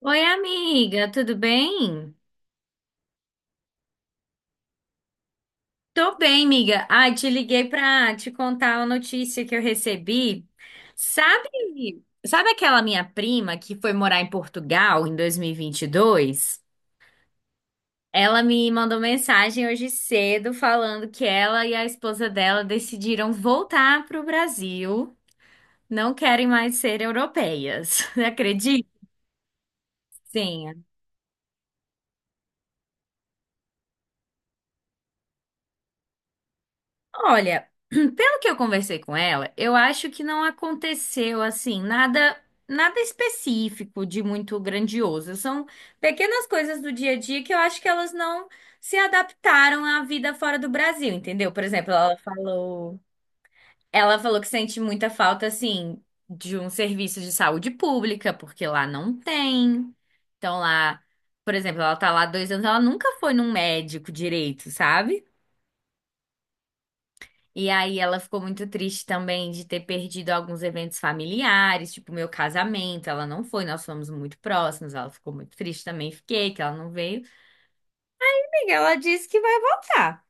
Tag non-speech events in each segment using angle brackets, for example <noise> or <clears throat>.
Oi, amiga, tudo bem? Tô bem, amiga. Ai, te liguei pra te contar uma notícia que eu recebi. Sabe aquela minha prima que foi morar em Portugal em 2022? Ela me mandou mensagem hoje cedo falando que ela e a esposa dela decidiram voltar pro Brasil, não querem mais ser europeias. <laughs> Acredita? Sim? Olha, <clears throat> pelo que eu conversei com ela, eu acho que não aconteceu assim nada específico de muito grandioso. São pequenas coisas do dia a dia que eu acho que elas não se adaptaram à vida fora do Brasil, entendeu? Por exemplo, ela falou que sente muita falta assim de um serviço de saúde pública, porque lá não tem. Então lá, por exemplo, ela tá lá há 2 anos, ela nunca foi num médico direito, sabe? E aí ela ficou muito triste também de ter perdido alguns eventos familiares, tipo meu casamento, ela não foi, nós fomos muito próximos, ela ficou muito triste também, fiquei, que ela não veio. Amiga, ela disse que vai voltar.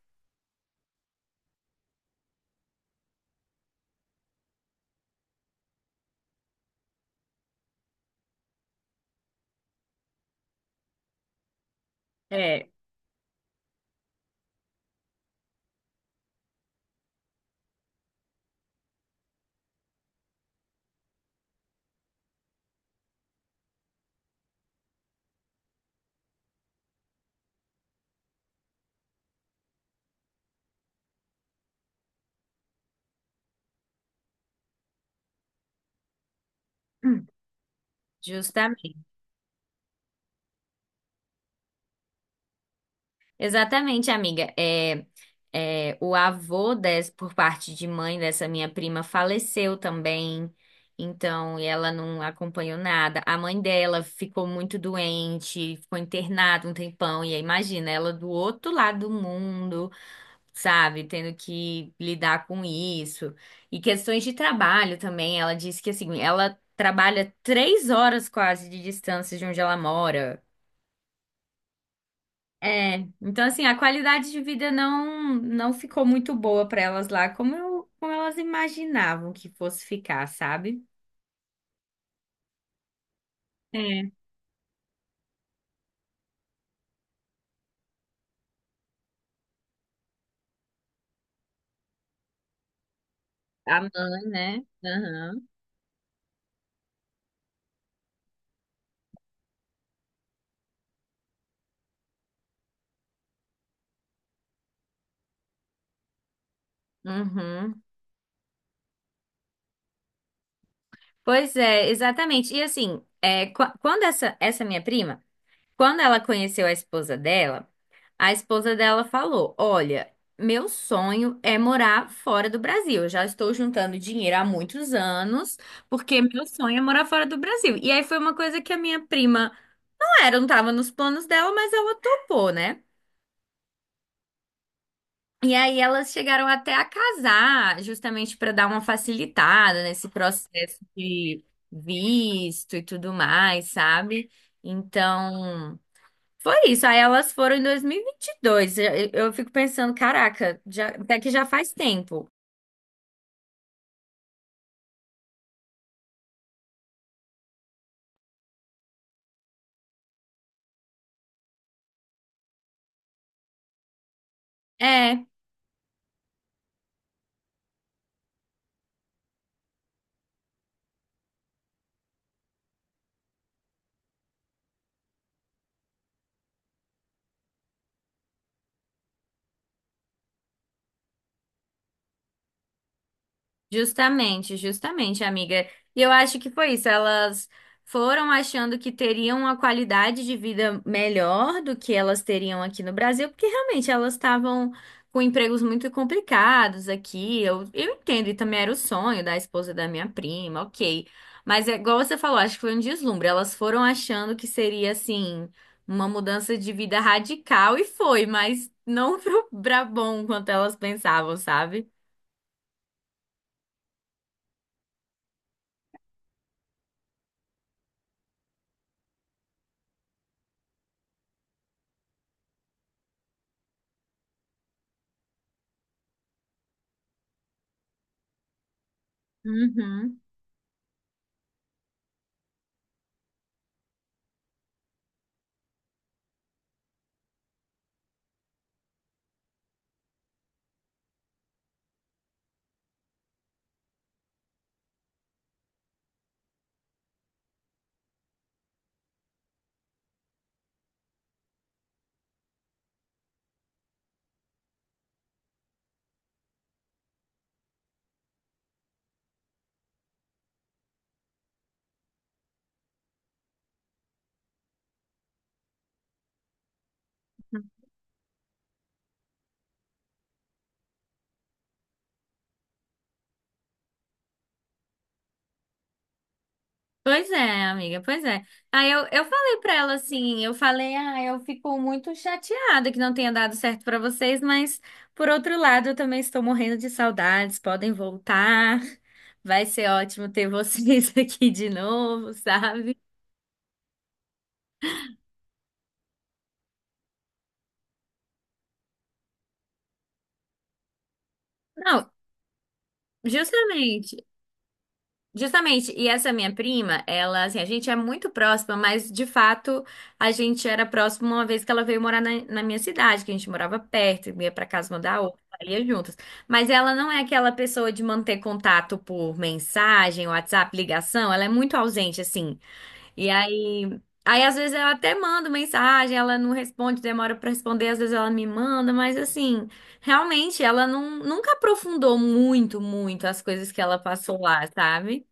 É. <clears throat> Justamente. Exatamente, amiga. É, o avô por parte de mãe dessa minha prima faleceu também, então, e ela não acompanhou nada. A mãe dela ficou muito doente, ficou internada um tempão, e aí imagina, ela do outro lado do mundo, sabe, tendo que lidar com isso. E questões de trabalho também, ela disse que assim, ela trabalha 3 horas quase de distância de onde ela mora. É, então assim, a qualidade de vida não ficou muito boa para elas lá, como eu, como elas imaginavam que fosse ficar, sabe? É. A mãe, né? Aham. Uhum. Pois é, exatamente. E assim, é, quando essa minha prima, quando ela conheceu a esposa dela falou: olha, meu sonho é morar fora do Brasil. Eu já estou juntando dinheiro há muitos anos, porque meu sonho é morar fora do Brasil. E aí foi uma coisa que a minha prima era, não tava nos planos dela, mas ela topou, né? E aí elas chegaram até a casar, justamente para dar uma facilitada nesse processo de visto e tudo mais, sabe? Então, foi isso. Aí elas foram em 2022. Eu fico pensando, caraca, até que já faz tempo. É, justamente, justamente, amiga. E eu acho que foi isso. Elas foram achando que teriam uma qualidade de vida melhor do que elas teriam aqui no Brasil, porque realmente elas estavam com empregos muito complicados aqui. Eu entendo, e também era o sonho da esposa da minha prima, ok. Mas é igual você falou, acho que foi um deslumbre. Elas foram achando que seria assim, uma mudança de vida radical, e foi, mas não <laughs> para bom quanto elas pensavam, sabe? Uhum. Pois é, amiga, pois é. Aí eu falei pra ela assim, eu falei, ah, eu fico muito chateada que não tenha dado certo pra vocês, mas por outro lado, eu também estou morrendo de saudades, podem voltar. Vai ser ótimo ter vocês <laughs> aqui de novo, sabe? Não, justamente. Justamente, e essa minha prima, ela, assim, a gente é muito próxima, mas de fato a gente era próxima uma vez que ela veio morar na minha cidade, que a gente morava perto, ia pra casa uma da outra, ia juntas. Mas ela não é aquela pessoa de manter contato por mensagem, WhatsApp, ligação, ela é muito ausente, assim. E aí, às vezes eu até mando mensagem, ela não responde, demora pra responder, às vezes ela me manda, mas assim, realmente ela não, nunca aprofundou muito, muito as coisas que ela passou lá, sabe?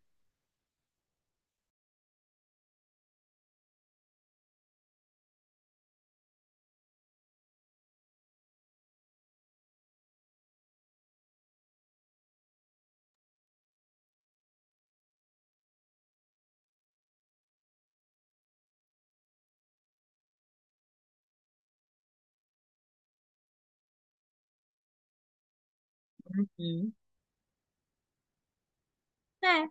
Hum. É,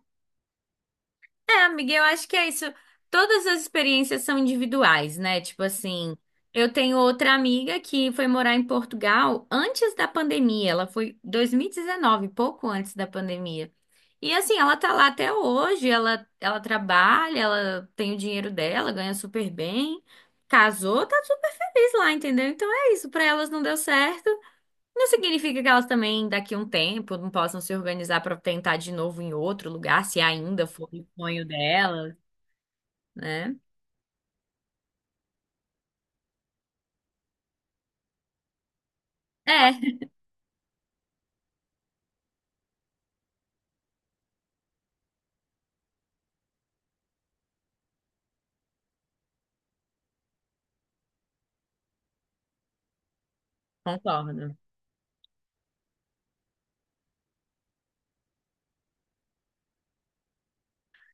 é, amiga, eu acho que é isso. Todas as experiências são individuais, né? Tipo assim, eu tenho outra amiga que foi morar em Portugal antes da pandemia. Ela foi 2019, pouco antes da pandemia. E assim, ela tá lá até hoje, ela trabalha, ela tem o dinheiro dela, ganha super bem, casou, tá super feliz lá, entendeu? Então é isso, pra elas não deu certo. Não significa que elas também, daqui a um tempo, não possam se organizar para tentar de novo em outro lugar, se ainda for o sonho delas, né? É, concordo.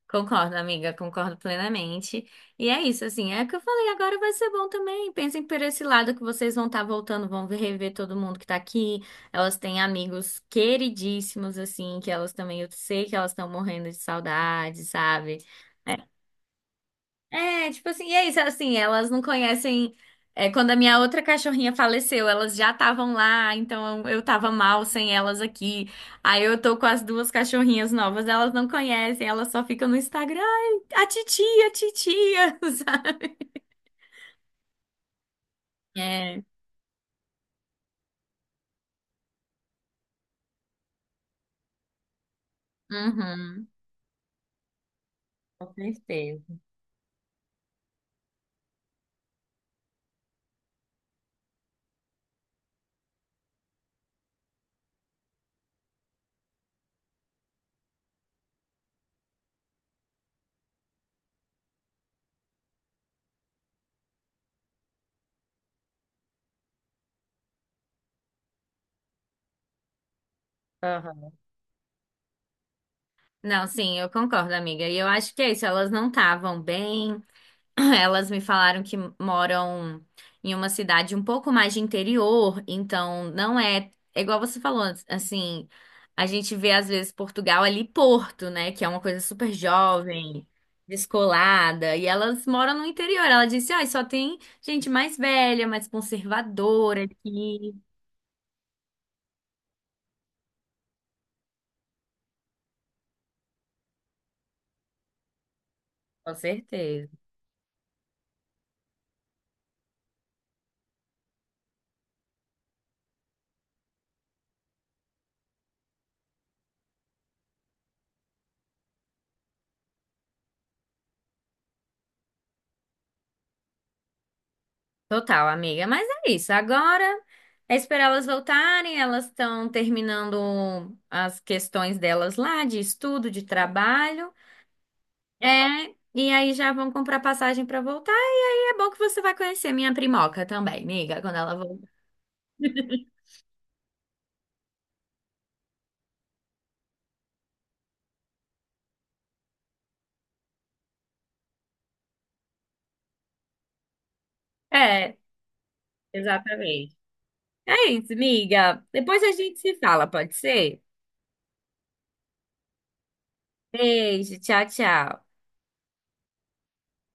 Concordo, amiga, concordo plenamente. E é isso, assim, é o que eu falei, agora vai ser bom também. Pensem por esse lado que vocês vão estar voltando, vão rever todo mundo que tá aqui. Elas têm amigos queridíssimos, assim, que elas também, eu sei que elas estão morrendo de saudade, sabe? É, é, tipo assim, e é isso, assim, elas não conhecem. É, quando a minha outra cachorrinha faleceu, elas já estavam lá, então eu tava mal sem elas aqui. Aí eu tô com as duas cachorrinhas novas, elas não conhecem, elas só ficam no Instagram. Ai, a titia, <laughs> sabe? É, uhum, com certeza. Aham. Não, sim, eu concordo, amiga. E eu acho que é isso, elas não estavam bem. <laughs> <clears throat> Elas me falaram que moram em uma cidade um pouco mais de interior, então não é, é igual você falou, assim, a gente vê às vezes Portugal ali Porto, né, que é uma coisa super jovem, descolada, e elas moram no interior. Ela disse: "Ah, só tem gente mais velha, mais conservadora aqui". Com certeza. Total, amiga. Mas é isso. Agora é esperar elas voltarem. Elas estão terminando as questões delas lá, de estudo, de trabalho. É, e aí já vão comprar passagem para voltar. E aí é bom que você vai conhecer a minha primoca também, amiga, quando ela voltar. É, exatamente. É isso, amiga. Depois a gente se fala, pode ser? Beijo, tchau, tchau.